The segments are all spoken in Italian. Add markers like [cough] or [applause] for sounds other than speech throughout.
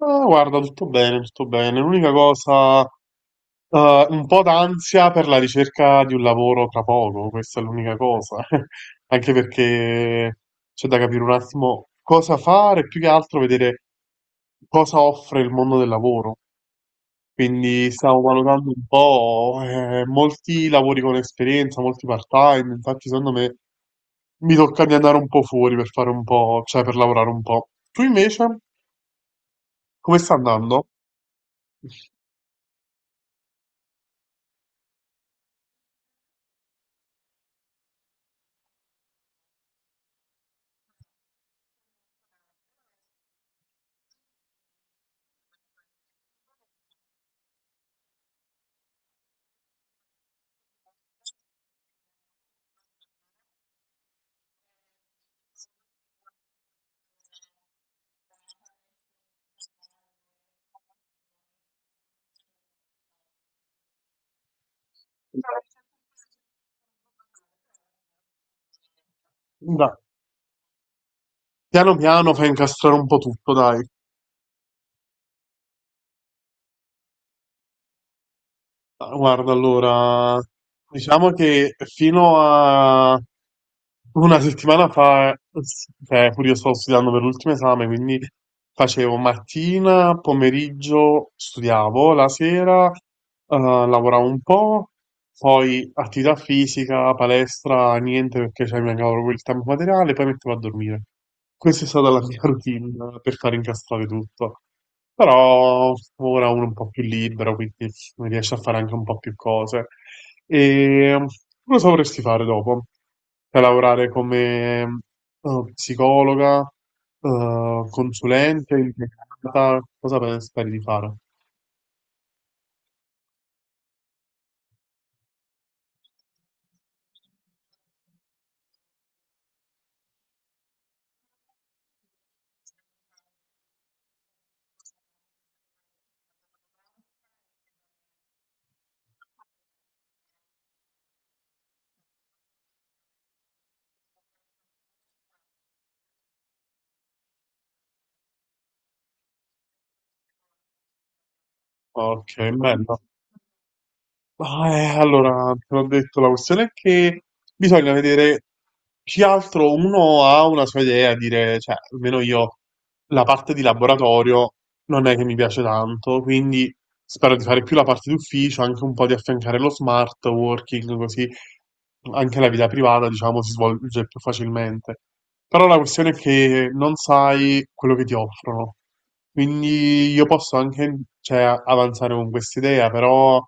Ah, guarda, tutto bene, tutto bene. L'unica cosa, un po' d'ansia per la ricerca di un lavoro tra poco, questa è l'unica cosa. [laughs] Anche perché c'è da capire un attimo cosa fare, più che altro vedere cosa offre il mondo del lavoro. Quindi stavo valutando un po', molti lavori con esperienza, molti part-time, infatti secondo me mi tocca di andare un po' fuori per fare un po', cioè per lavorare un po'. Tu invece, come sta andando? Piano piano fai incastrare un po' tutto, dai. Ah, guarda, allora, diciamo che fino a una settimana fa, cioè, pure io stavo studiando per l'ultimo esame, quindi facevo mattina, pomeriggio, studiavo, la sera, lavoravo un po', poi attività fisica, palestra, niente perché cioè, mi mancava proprio il tempo materiale, poi mettevo a dormire. Questa è stata la mia [laughs] routine per far incastrare tutto. Però ora uno è un po' più libero, quindi riesce a fare anche un po' più cose. E um, Cosa vorresti fare dopo? Cioè, lavorare come psicologa, consulente, impiegata? Cosa pensi di fare? Ok, bello. Ma, allora, te l'ho detto, la questione è che bisogna vedere più che altro uno ha una sua idea, dire, cioè, almeno io la parte di laboratorio non è che mi piace tanto, quindi spero di fare più la parte d'ufficio, anche un po' di affiancare lo smart working, così anche la vita privata, diciamo, si svolge più facilmente. Però la questione è che non sai quello che ti offrono. Quindi io posso anche, cioè, avanzare con quest'idea, però.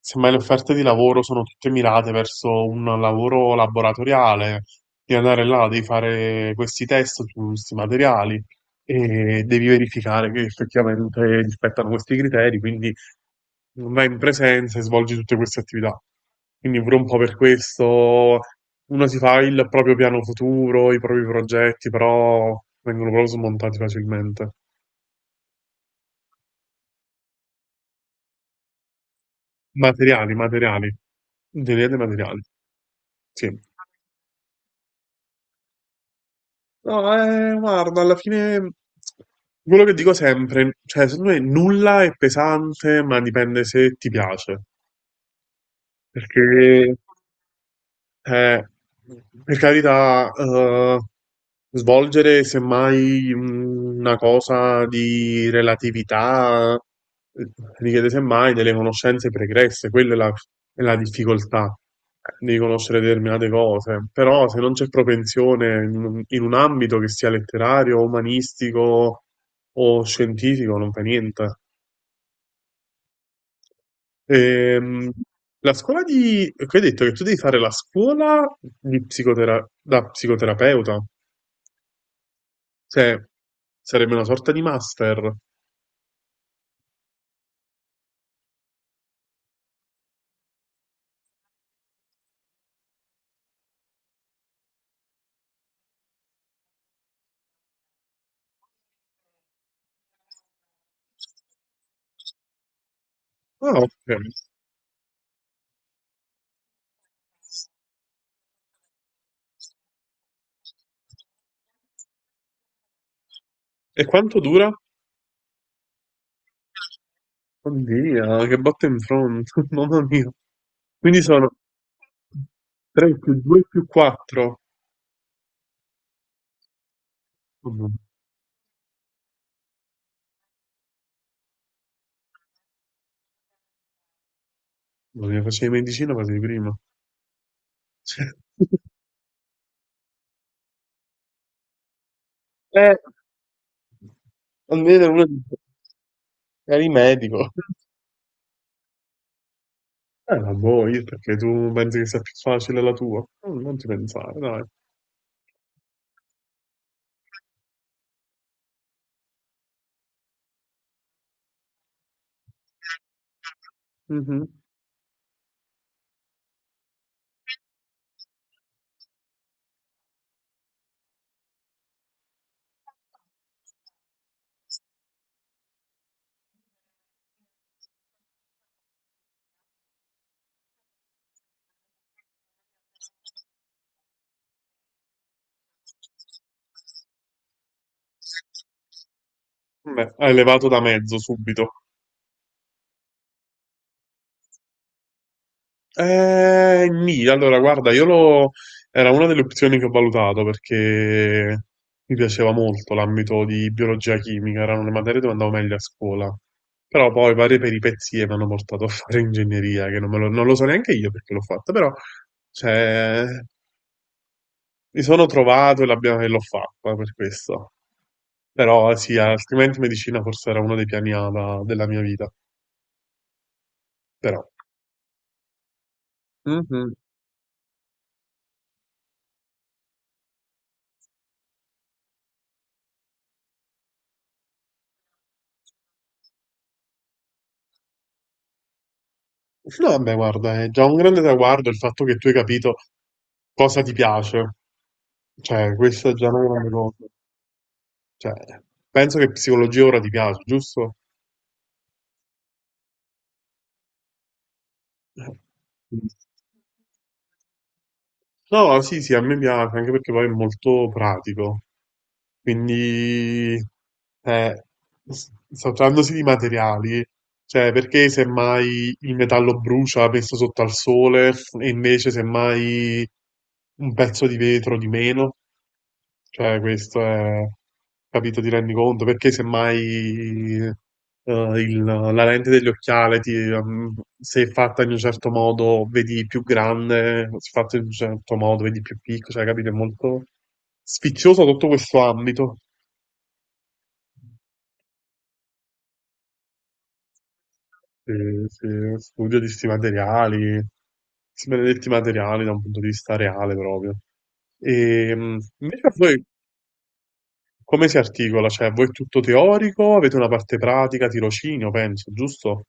Semmai le offerte di lavoro sono tutte mirate verso un lavoro laboratoriale, devi andare là, devi fare questi test su questi materiali e devi verificare che effettivamente rispettano questi criteri, quindi vai in presenza e svolgi tutte queste attività. Quindi pure un po' per questo uno si fa il proprio piano futuro, i propri progetti, però vengono proprio smontati facilmente. Materiali, materiali, ingegneria dei materiali, sì. No, guarda, alla fine quello che dico sempre, cioè, secondo me nulla è pesante, ma dipende se ti piace. Perché eh, per carità, svolgere semmai una cosa di relatività eh, richiede semmai delle conoscenze pregresse, quella è la difficoltà di conoscere determinate cose, però se non c'è propensione in un ambito che sia letterario, umanistico o scientifico, non fa niente. Ehm, la scuola di... che hai detto che tu devi fare la scuola di da psicoterapeuta, cioè sarebbe una sorta di master. Ah, ok. E quanto dura? Oddio, che botta [laughs] mamma mia. Quindi sono 3 più 2 più 4. Mamma mamma mia, facevi medicina quasi prima. [laughs] Cioè, almeno uno dice, eri medico. La boh, io perché tu pensi che sia più facile la tua? Non ti pensare, dai. Mhm. Beh, hai levato da mezzo subito. Nì, allora guarda, io lo... era una delle opzioni che ho valutato perché mi piaceva molto l'ambito di biologia chimica, erano le materie dove andavo meglio a scuola. Però poi varie peripezie mi hanno portato a [laughs] fare ingegneria, che non lo so neanche io perché l'ho fatta, però cioè, mi sono trovato e e l'ho fatta per questo. Però sì, altrimenti medicina forse era uno dei piani A della mia vita, però. Mhm. No, vabbè, guarda, è già un grande traguardo il fatto che tu hai capito cosa ti piace. Cioè, questa è già una grande cosa. Cioè, penso che psicologia ora ti piace, giusto? Eh. No, sì, sì, a me piace, anche perché poi è molto pratico. Quindi, eh, s- trattandosi di materiali, cioè, perché semmai il metallo brucia messo sotto al sole e invece semmai un pezzo di vetro di meno? Cioè, questo è, capito, ti rendi conto? Perché semmai la lente dell'occhiale, se è fatta in un certo modo, vedi più grande, se è fatta in un certo modo, vedi più piccolo, cioè, capito? È molto sficcioso tutto questo ambito. Sì, sì, studio di questi materiali, questi benedetti materiali da un punto di vista reale proprio. E, invece poi come si articola? Cioè, voi è tutto teorico, avete una parte pratica, tirocinio, penso, giusto?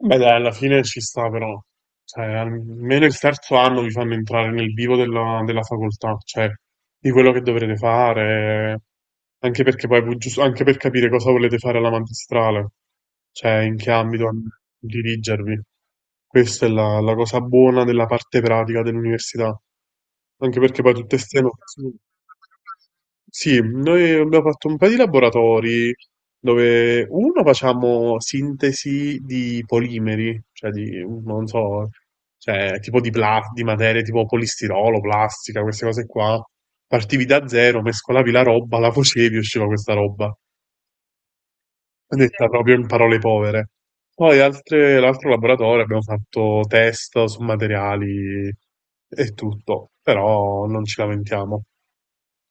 Beh, dai, alla fine ci sta però. Cioè, almeno il terzo anno vi fanno entrare nel vivo della facoltà, cioè di quello che dovrete fare, anche perché poi giusto, anche per capire cosa volete fare alla magistrale, cioè in che ambito dirigervi. Questa è la cosa buona della parte pratica dell'università, anche perché poi tutte queste nozioni. Sì, noi abbiamo fatto un paio di laboratori dove uno facciamo sintesi di polimeri, cioè di, non so, cioè tipo di materie tipo polistirolo, plastica, queste cose qua. Partivi da zero, mescolavi la roba, la facevi e usciva questa roba. Detta proprio in parole povere. Poi l'altro laboratorio abbiamo fatto test su materiali e tutto, però non ci lamentiamo.